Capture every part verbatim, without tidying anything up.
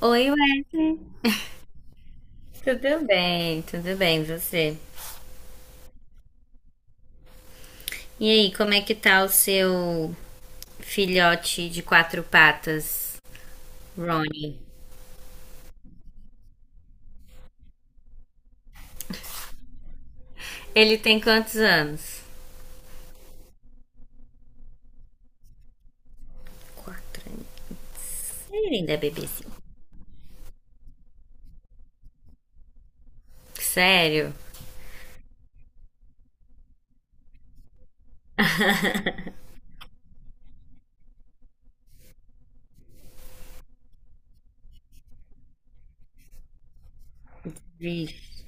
Oi, Wesley, tudo bem? Tudo bem, você? E aí, como é que tá o seu filhote de quatro patas, Ronnie? Ele tem quantos anos? Quatro anos. Ele ainda é bebezinho. Sério? Vixe.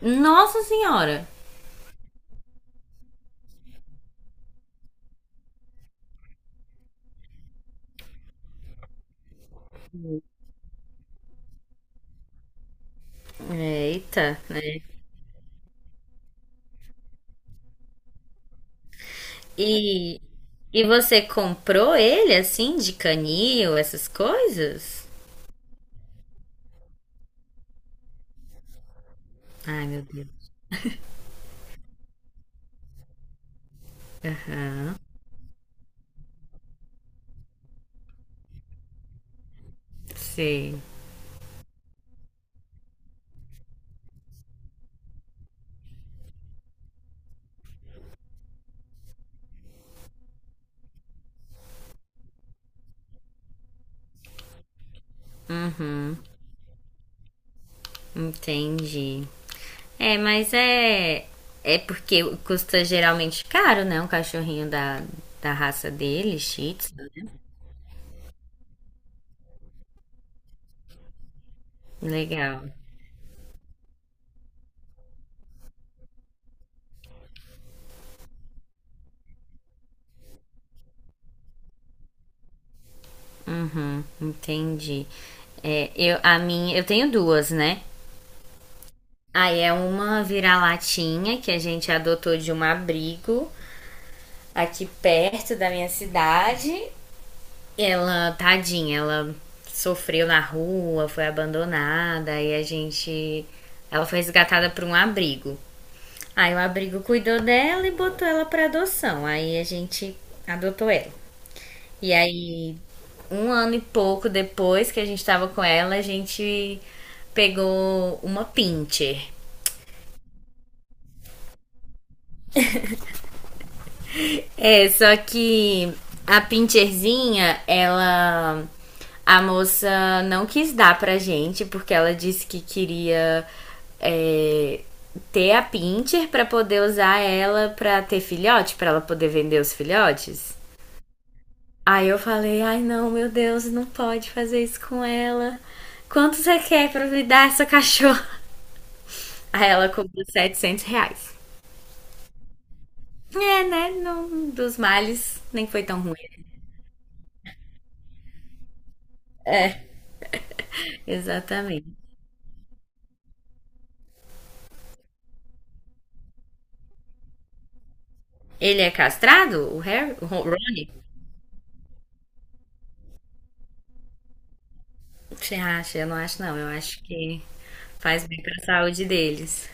Nossa Senhora! Eita, né? E, e você comprou ele assim, de canil, essas coisas? Ai, meu Deus. Sei. Uhum, entendi. É, mas é. É porque custa geralmente caro, né? Um cachorrinho da, da raça dele, Shih Tzu. Legal. Uhum, entendi. É, eu, a minha, eu tenho duas, né? Aí é uma vira-latinha que a gente adotou de um abrigo aqui perto da minha cidade. Ela, tadinha, ela sofreu na rua, foi abandonada e a gente. Ela foi resgatada por um abrigo. Aí o abrigo cuidou dela e botou ela pra adoção. Aí a gente adotou ela. E aí, um ano e pouco depois que a gente tava com ela, a gente pegou uma pincher. É, só que a Pincherzinha, ela. A moça não quis dar pra gente, porque ela disse que queria é, ter a Pincher pra poder usar ela pra ter filhote, pra ela poder vender os filhotes. Aí eu falei, ai não, meu Deus, não pode fazer isso com ela. Quanto você quer pra me dar essa cachorra? Aí ela cobrou setecentos reais. É, né? Não, dos males nem foi tão ruim. Exatamente. Ele é castrado, o Harry? O Ron- Rony? Você acha? Eu não acho, não. Eu acho que faz bem pra saúde deles.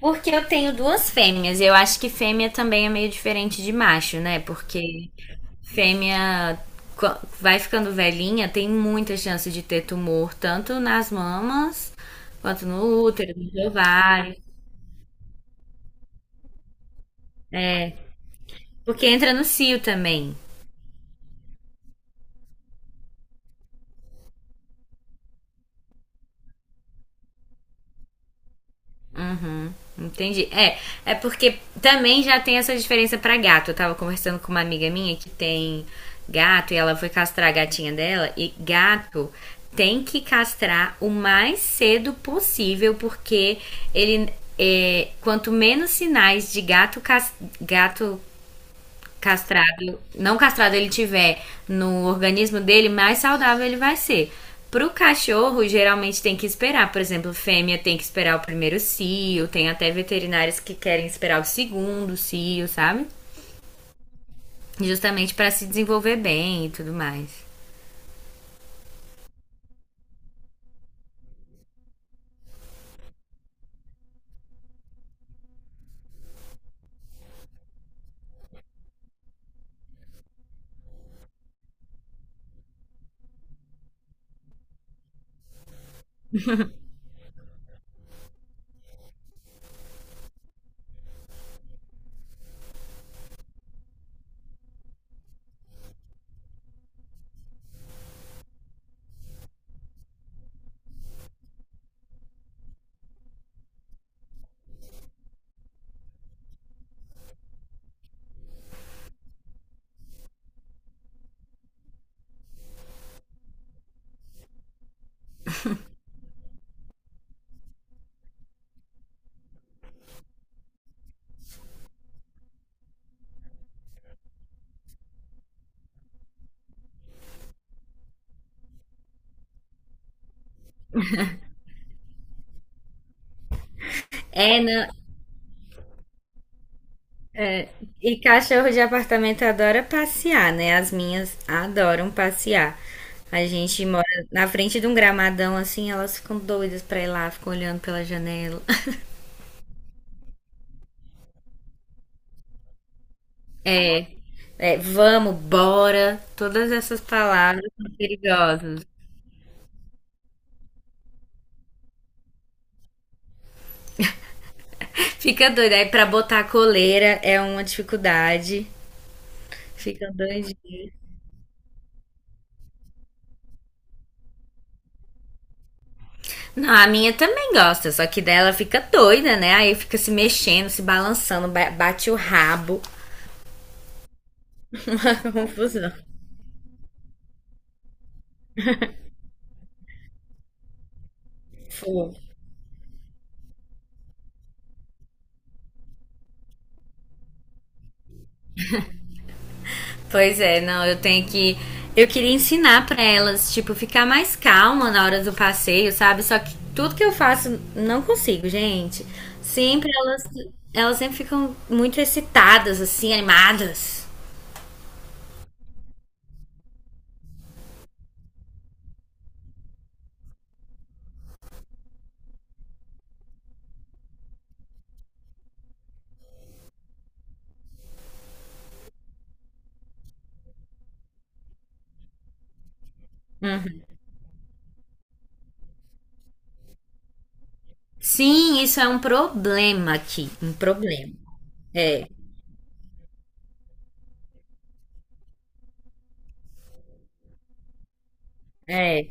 Porque eu tenho duas fêmeas e eu acho que fêmea também é meio diferente de macho, né? Porque fêmea co- vai ficando velhinha, tem muita chance de ter tumor, tanto nas mamas quanto no útero, nos ovários, né? Porque entra no cio também. Entendi. É, é porque também já tem essa diferença pra gato. Eu tava conversando com uma amiga minha que tem gato e ela foi castrar a gatinha dela e gato tem que castrar o mais cedo possível porque ele é, quanto menos sinais de gato cas- gato castrado, não castrado ele tiver no organismo dele, mais saudável ele vai ser. Pro cachorro, geralmente tem que esperar. Por exemplo, fêmea tem que esperar o primeiro cio, tem até veterinários que querem esperar o segundo cio, sabe? Justamente para se desenvolver bem e tudo mais. É, não, e cachorro de apartamento adora passear, né? As minhas adoram passear. A gente mora na frente de um gramadão assim, elas ficam doidas pra ir lá, ficam olhando pela janela. É, é, vamos, bora. Todas essas palavras são perigosas. Fica doido. Aí pra botar a coleira é uma dificuldade. Fica doidinha. Não, a minha também gosta, só que dela fica doida, né? Aí fica se mexendo, se balançando, ba- bate o rabo. Uma confusão. Pois é, não, eu tenho que. Eu queria ensinar pra elas, tipo, ficar mais calma na hora do passeio, sabe? Só que tudo que eu faço, não consigo, gente. Sempre elas, elas sempre ficam muito excitadas, assim, animadas. Sim, isso é um problema aqui. Um problema. É, é.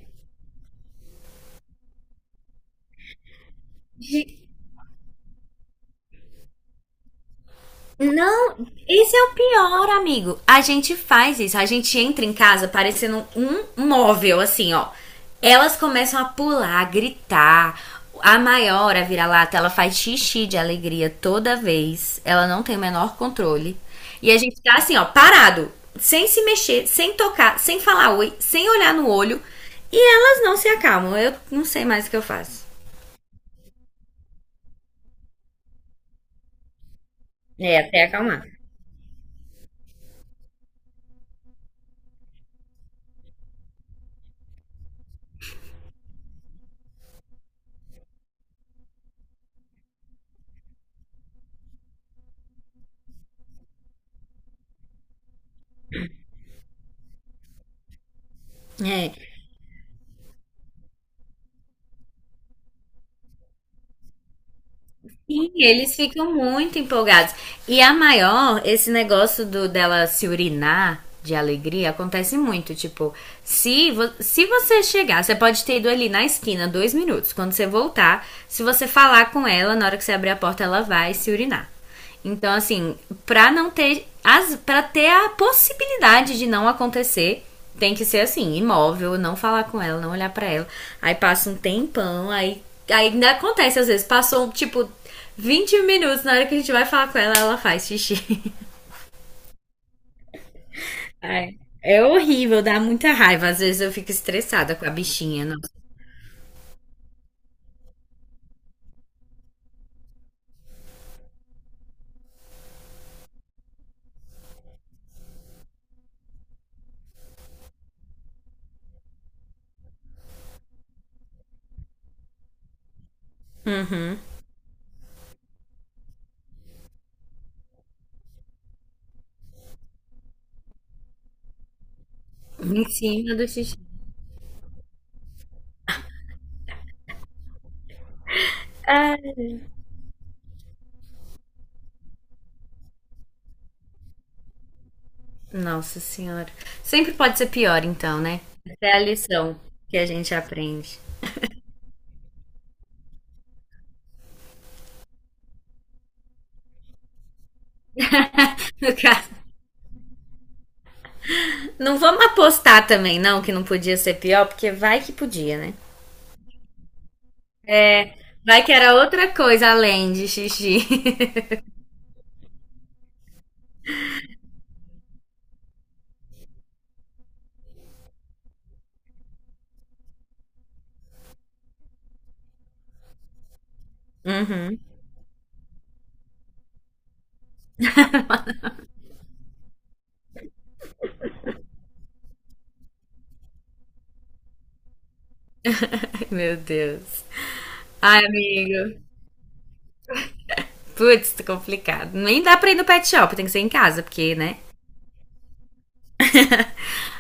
Não, esse é o pior, amigo. A gente faz isso, a gente entra em casa parecendo um móvel, assim, ó. Elas começam a pular, a gritar. A maior, a vira-lata, ela faz xixi de alegria toda vez. Ela não tem o menor controle. E a gente tá assim, ó, parado, sem se mexer, sem tocar, sem falar oi, sem olhar no olho. E elas não se acalmam. Eu não sei mais o que eu faço. É, até acalmar. É. Sim, eles ficam muito empolgados. E a maior, esse negócio do dela se urinar de alegria acontece muito. Tipo, se, vo- se você chegar, você pode ter ido ali na esquina dois minutos. Quando você voltar, se você falar com ela, na hora que você abrir a porta, ela vai se urinar. Então, assim, pra não ter. As, pra ter a possibilidade de não acontecer, tem que ser assim, imóvel, não falar com ela, não olhar pra ela. Aí passa um tempão, aí, aí ainda acontece, às vezes, passou, tipo, vinte minutos, na hora que a gente vai falar com ela, ela faz xixi. Ai, é horrível, dá muita raiva. Às vezes eu fico estressada com a bichinha, nossa. Uhum. Em cima do xixi. É. Nossa senhora. Sempre pode ser pior, então, né? Essa é a lição que a gente aprende. No caso, não vamos apostar também, não, que não podia ser pior, porque vai que podia, né? Vai que era outra coisa além de xixi. Uhum. Meu Deus. Ai, amigo. Putz, tá complicado. Nem dá pra ir no pet shop, tem que ser em casa, porque, né?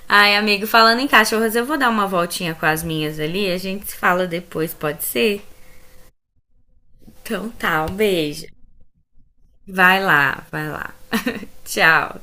Ai, amigo, falando em cachorras, eu vou dar uma voltinha com as minhas ali, a gente se fala depois, pode ser? Então tá, um beijo. Vai lá, vai lá. Tchau.